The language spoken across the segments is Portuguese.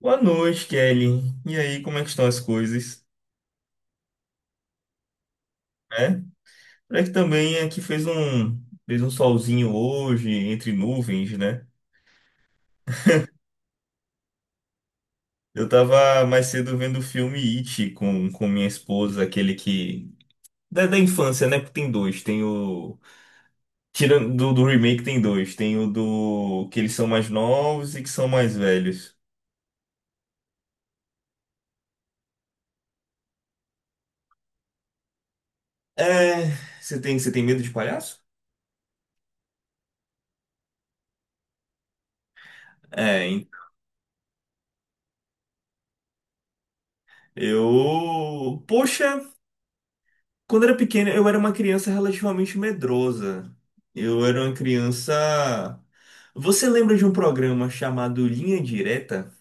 Boa noite, Kelly. E aí, como é que estão as coisas? É? Parece que também aqui fez um solzinho hoje, entre nuvens, né? Eu tava mais cedo vendo o filme It com minha esposa, Da infância, né? Porque tem dois. Tirando do remake, tem dois. Que eles são mais novos e que são mais velhos. É... você tem medo de palhaço? É, hein? Poxa. Quando eu era pequeno, eu era uma criança relativamente medrosa. Eu era uma criança. Você lembra de um programa chamado Linha Direta?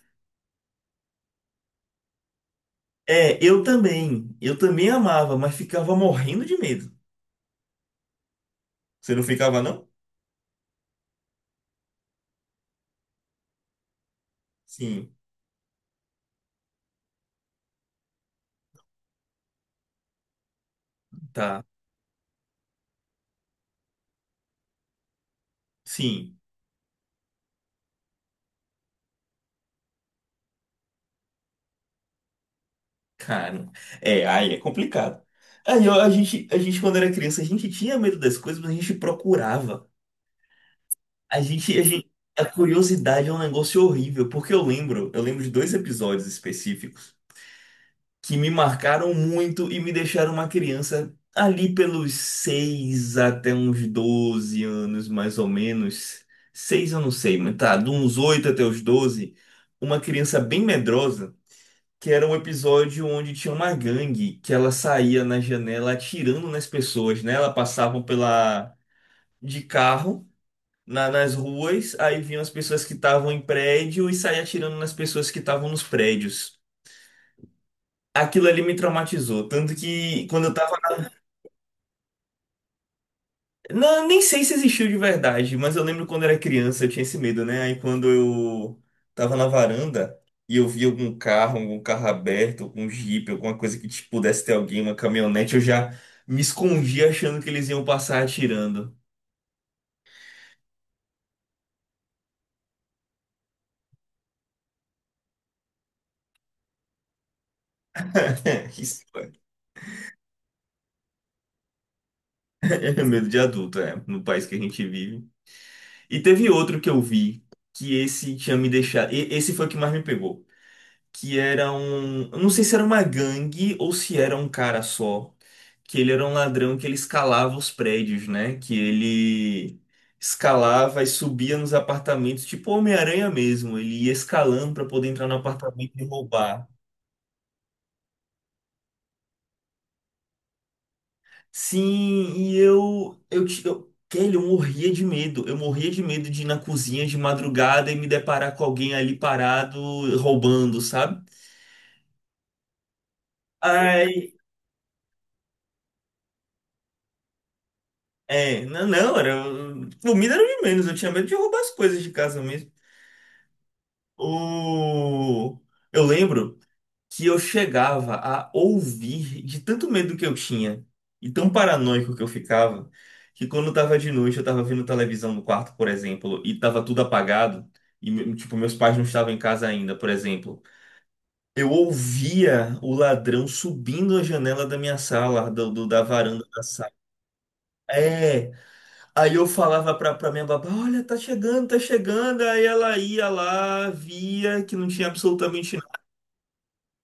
É, eu também. Eu também amava, mas ficava morrendo de medo. Você não ficava, não? Sim, tá. Sim, cara. É, aí é complicado. A gente, quando era criança, a gente tinha medo das coisas, mas a gente procurava. A gente, a gente, a curiosidade é um negócio horrível, porque eu lembro de dois episódios específicos que me marcaram muito e me deixaram uma criança ali pelos 6 até uns 12 anos, mais ou menos. 6 eu não sei, mas tá, de uns 8 até os 12, uma criança bem medrosa, que era um episódio onde tinha uma gangue que ela saía na janela atirando nas pessoas, né? Ela passava pela de carro. Nas ruas, aí vinham as pessoas que estavam em prédio e saía atirando nas pessoas que estavam nos prédios. Aquilo ali me traumatizou. Tanto que quando eu tava. Não, nem sei se existiu de verdade, mas eu lembro quando era criança eu tinha esse medo, né? Aí quando eu tava na varanda e eu vi algum carro aberto, algum jipe, alguma coisa que tipo, pudesse ter alguém, uma caminhonete, eu já me escondia achando que eles iam passar atirando. É, isso é medo de adulto, é, no país que a gente vive. E teve outro que eu vi, que esse tinha me deixado. Esse foi o que mais me pegou. Que era um. Eu não sei se era uma gangue ou se era um cara só, que ele era um ladrão que ele escalava os prédios, né? Que ele escalava e subia nos apartamentos, tipo Homem-Aranha mesmo. Ele ia escalando para poder entrar no apartamento e roubar. Sim, e eu, Kelly, eu morria de medo. Eu morria de medo de ir na cozinha de madrugada e me deparar com alguém ali parado roubando, sabe? Ai, é, não, não, comida era o de menos, eu tinha medo de roubar as coisas de casa mesmo. O, eu lembro que eu chegava a ouvir de tanto medo que eu tinha e tão paranoico que eu ficava, que quando tava de noite, eu tava vendo televisão no quarto, por exemplo, e tava tudo apagado, tipo, meus pais não estavam em casa ainda, por exemplo. Eu ouvia o ladrão subindo a janela da minha sala, da varanda da sala. É, aí eu falava pra minha babá, olha, tá chegando, tá chegando. Aí ela ia lá, via que não tinha absolutamente.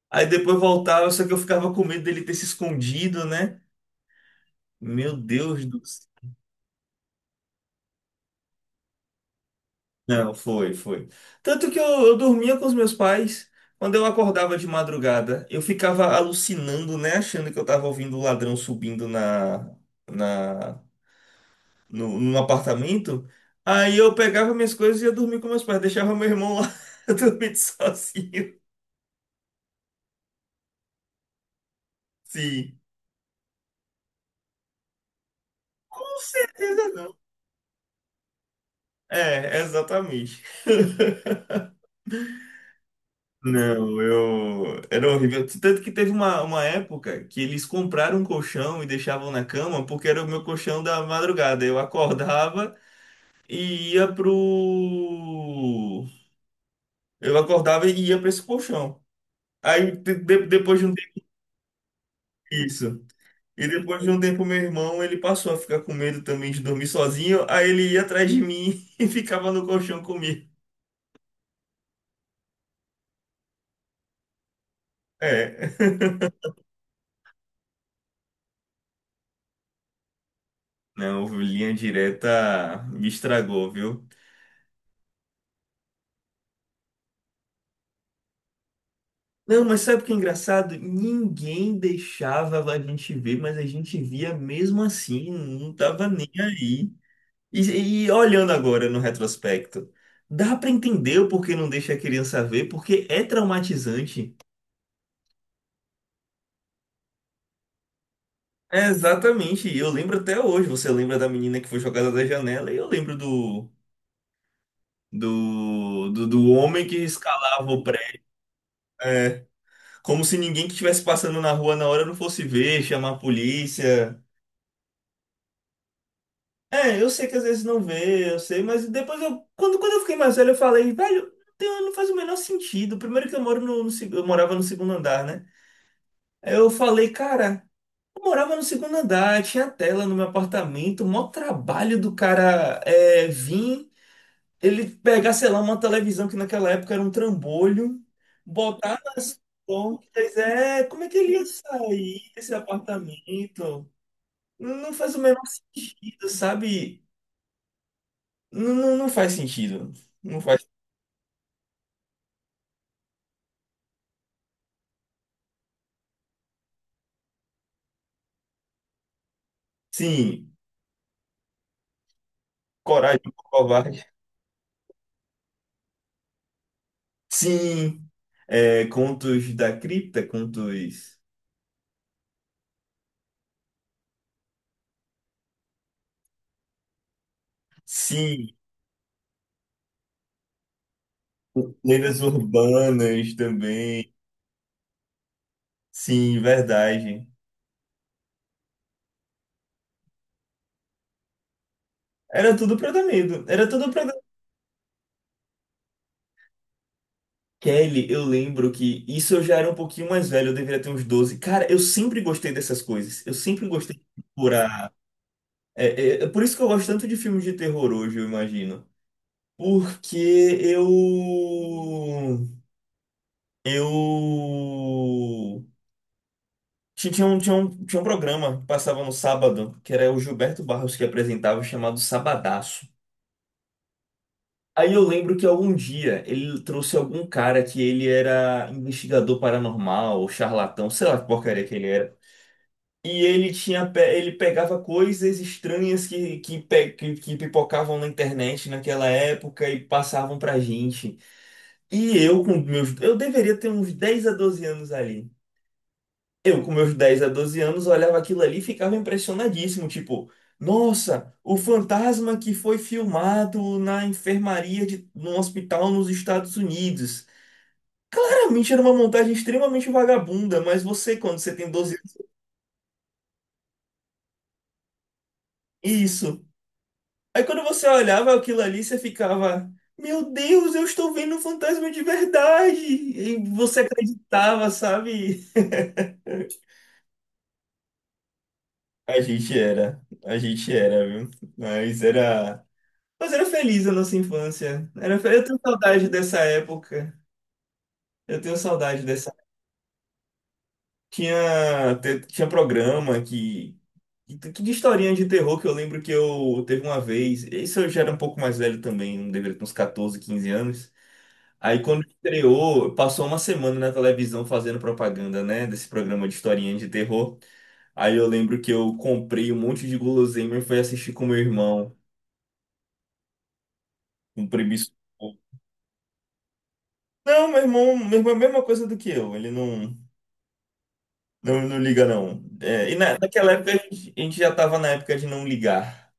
Aí depois voltava, só que eu ficava com medo dele ter se escondido, né? Meu Deus do céu. Não, foi, foi. Tanto que eu dormia com os meus pais. Quando eu acordava de madrugada, eu ficava alucinando, né? Achando que eu tava ouvindo o ladrão subindo na, na, no, no apartamento. Aí eu pegava minhas coisas e ia dormir com meus pais. Deixava meu irmão lá dormir sozinho. Sim. Com certeza não. É, exatamente. Não, eu. Era horrível. Tanto que teve uma época que eles compraram um colchão e deixavam na cama porque era o meu colchão da madrugada. Eu acordava e ia pro. Eu acordava e ia pra esse colchão. Aí depois de um tempo isso. E depois de um tempo meu irmão ele passou a ficar com medo também de dormir sozinho. Aí ele ia atrás de mim e ficava no colchão comigo. É. Não, linha direta me estragou, viu? Não, mas sabe o que é engraçado? Ninguém deixava a gente ver, mas a gente via mesmo assim, não tava nem aí. E, e olhando agora no retrospecto, dá pra entender o porquê não deixa a criança ver, porque é traumatizante. É, exatamente, e eu lembro até hoje. Você lembra da menina que foi jogada da janela, e eu lembro do homem que escalava o prédio. É, como se ninguém que estivesse passando na rua na hora não fosse ver, chamar a polícia. É, eu sei que às vezes não vê, eu sei, mas depois eu. Quando eu fiquei mais velho, eu falei, velho, não faz o menor sentido. Primeiro que eu moro no, no seg- eu morava no segundo andar, né? Aí eu falei, cara, eu morava no segundo andar, tinha tela no meu apartamento, o maior trabalho do cara é vir, ele pegar, sei lá, uma televisão que naquela época era um trambolho, botar nas pontas, é, como é que ele ia sair desse apartamento? Não faz o menor sentido, sabe? Não, não, não faz sentido. Não faz. Sim, Coragem do Covarde. Sim, é, Contos da Cripta, contos. Sim, lendas urbanas também. Sim, verdade. Era tudo pra dar medo. Era tudo pra dar. Kelly, eu lembro que isso eu já era um pouquinho mais velho, eu deveria ter uns 12. Cara, eu sempre gostei dessas coisas. Eu sempre gostei de procurar. É, por isso que eu gosto tanto de filmes de terror hoje, eu imagino. Porque eu Eu ti- tinha um programa que passava no sábado, que era o Gilberto Barros que apresentava, chamado Sabadaço. Aí eu lembro que algum dia ele trouxe algum cara que ele era investigador paranormal, ou charlatão, sei lá que porcaria que ele era. E ele pegava coisas estranhas que pipocavam na internet naquela época e passavam pra gente. Eu deveria ter uns 10 a 12 anos ali. Eu, com meus 10 a 12 anos, olhava aquilo ali e ficava impressionadíssimo. Tipo, nossa, o fantasma que foi filmado na enfermaria de num hospital nos Estados Unidos. Claramente era uma montagem extremamente vagabunda, mas você, quando você tem doze anos, isso. Aí quando você olhava aquilo ali, você ficava, meu Deus, eu estou vendo um fantasma de verdade. E você acreditava, sabe? A gente era, viu? Mas era. Mas era feliz a nossa infância. Eu tenho saudade dessa época. Eu tenho saudade dessa. Tinha programa que de historinha de terror que eu lembro que eu teve uma vez. Isso eu já era um pouco mais velho também, não deveria ter uns 14 ou 15 anos. Aí quando estreou, passou uma semana na televisão fazendo propaganda, né? Desse programa de historinha de terror. Aí eu lembro que eu comprei um monte de guloseima e fui assistir com meu irmão, um primo. Não, meu irmão é a mesma coisa do que eu. Ele não. Não, não liga, não. É, e naquela época a gente já tava na época de não ligar.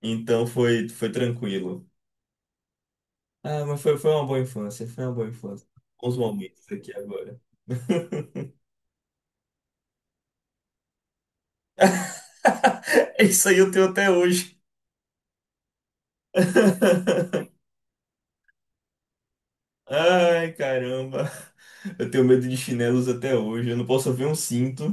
Então foi tranquilo. Ah, mas foi uma boa infância, foi uma boa infância. Bons momentos aqui agora. Isso aí eu tenho até hoje. Ai, caramba. Eu tenho medo de chinelos até hoje. Eu não posso ver um cinto.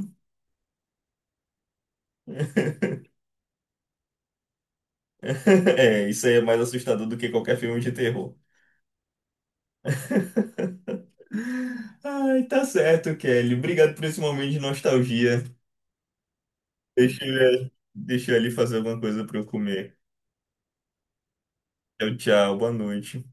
É, isso aí é mais assustador do que qualquer filme de terror. Ai, tá certo, Kelly. Obrigado por esse momento de nostalgia. Deixa eu ali fazer alguma coisa pra eu comer. Tchau, tchau. Boa noite.